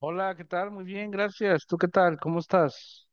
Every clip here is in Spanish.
Hola, ¿qué tal? Muy bien, gracias. ¿Tú qué tal? ¿Cómo estás?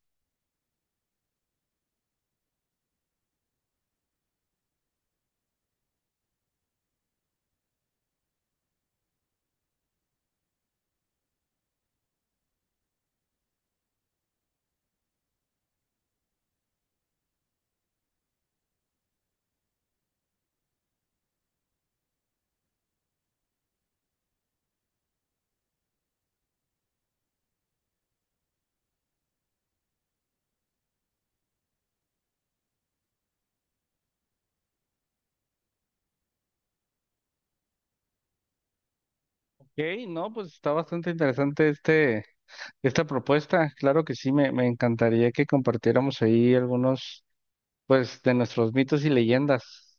Ok, no, pues está bastante interesante esta propuesta. Claro que sí, me encantaría que compartiéramos ahí algunos, pues, de nuestros mitos y leyendas.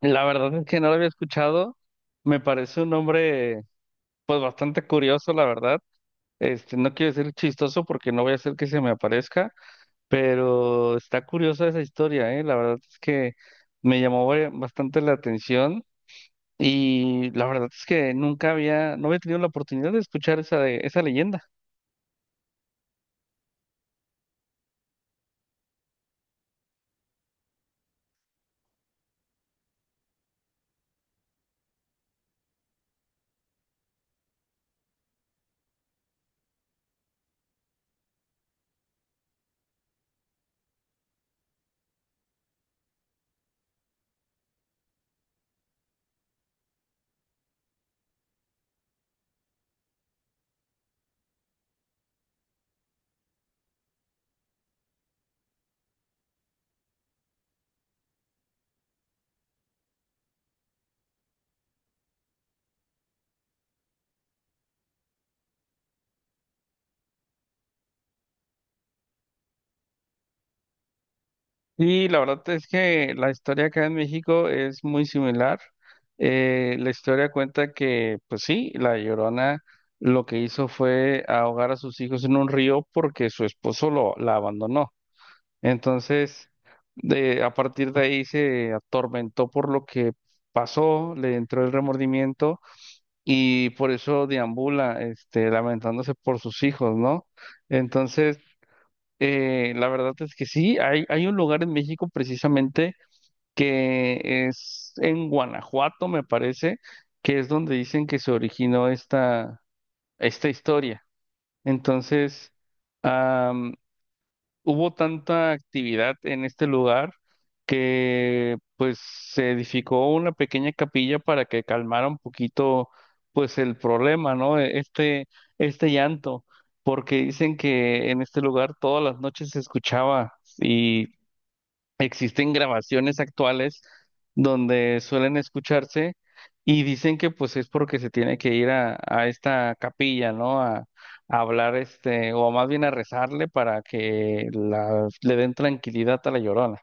La verdad es que no lo había escuchado. Me parece un nombre, pues, bastante curioso, la verdad. Este, no quiero decir chistoso porque no voy a hacer que se me aparezca, pero está curiosa esa historia, ¿eh? La verdad es que me llamó bastante la atención. Y la verdad es que nunca había, no había tenido la oportunidad de escuchar esa leyenda. Y la verdad es que la historia acá en México es muy similar. La historia cuenta que, pues sí, la Llorona lo que hizo fue ahogar a sus hijos en un río porque su esposo la abandonó. Entonces, a partir de ahí se atormentó por lo que pasó, le entró el remordimiento y por eso deambula, este, lamentándose por sus hijos, ¿no? Entonces, la verdad es que sí, hay un lugar en México precisamente que es en Guanajuato, me parece, que es donde dicen que se originó esta historia. Entonces, hubo tanta actividad en este lugar que pues se edificó una pequeña capilla para que calmara un poquito pues el problema, ¿no? Este llanto, porque dicen que en este lugar todas las noches se escuchaba, existen grabaciones actuales donde suelen escucharse, y dicen que pues es porque se tiene que ir a esta capilla, ¿no? A hablar este, o más bien a rezarle para que le den tranquilidad a la Llorona.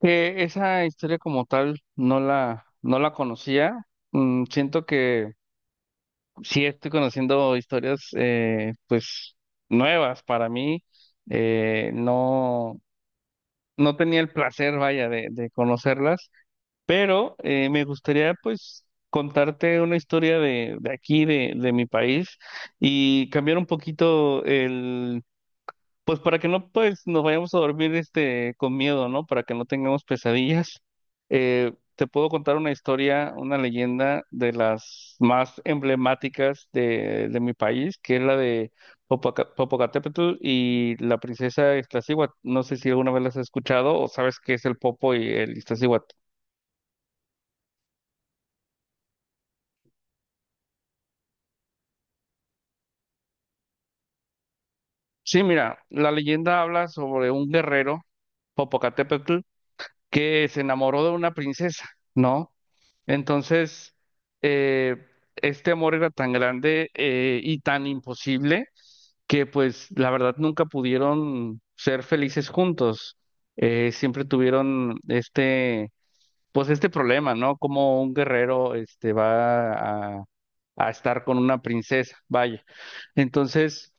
Que esa historia como tal no la conocía. Mm, siento que sí estoy conociendo historias pues nuevas para mí. Eh, no, no tenía el placer, vaya, de conocerlas. Pero me gustaría pues contarte una historia de aquí, de mi país, y cambiar un poquito pues para que no pues nos vayamos a dormir este con miedo, ¿no? Para que no tengamos pesadillas. Te puedo contar una historia, una leyenda de las más emblemáticas de mi país, que es la de Popocatépetl y la princesa Iztaccíhuatl. No sé si alguna vez las has escuchado o sabes qué es el Popo y el Iztaccíhuatl. Sí, mira, la leyenda habla sobre un guerrero, Popocatépetl, que se enamoró de una princesa, ¿no? Entonces, eh, este amor era tan grande y tan imposible que, pues, la verdad nunca pudieron ser felices juntos. Siempre tuvieron este, pues, este problema, ¿no? Como un guerrero, este, va a a estar con una princesa, vaya. Entonces,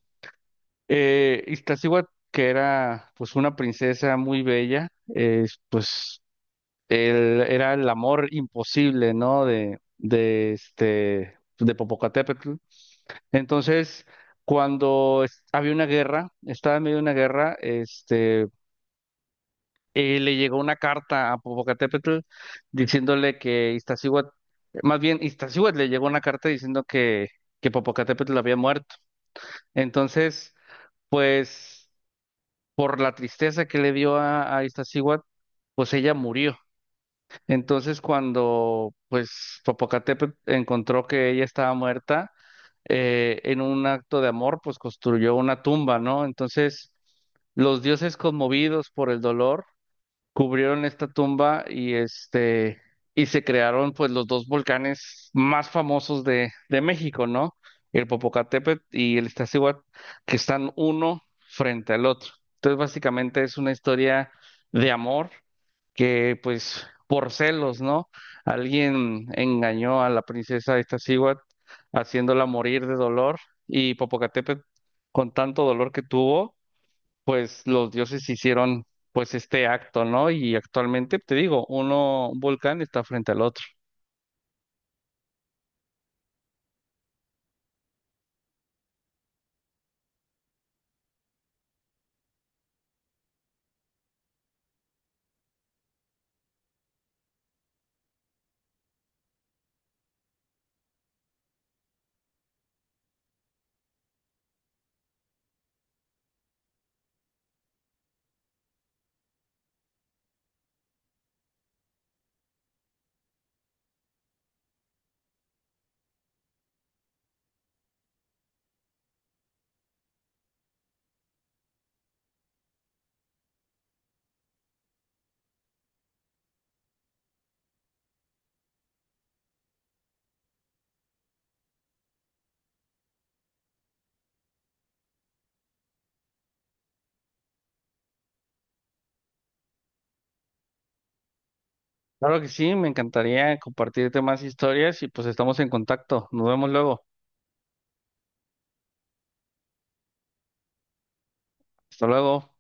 Iztaccíhuatl, que era pues una princesa muy bella, eh, pues él, era el amor imposible, ¿no? De Popocatépetl. Entonces, cuando había una guerra, estaba en medio de una guerra, le llegó una carta a Popocatépetl diciéndole que Iztaccíhuatl, más bien Iztaccíhuatl le llegó una carta diciendo que Popocatépetl había muerto. Entonces, pues por la tristeza que le dio a Iztaccíhuatl, pues ella murió. Entonces, cuando pues Popocatépetl encontró que ella estaba muerta, en un acto de amor, pues construyó una tumba, ¿no? Entonces, los dioses conmovidos por el dolor cubrieron esta tumba y se crearon pues los dos volcanes más famosos de México, ¿no? El Popocatépetl y el Iztaccíhuatl, que están uno frente al otro. Entonces, básicamente es una historia de amor que pues por celos, ¿no? Alguien engañó a la princesa Iztaccíhuatl haciéndola morir de dolor y Popocatépetl con tanto dolor que tuvo pues los dioses hicieron pues este acto, ¿no? Y actualmente, te digo, un volcán está frente al otro. Claro que sí, me encantaría compartirte más historias y pues estamos en contacto. Nos vemos luego. Hasta luego.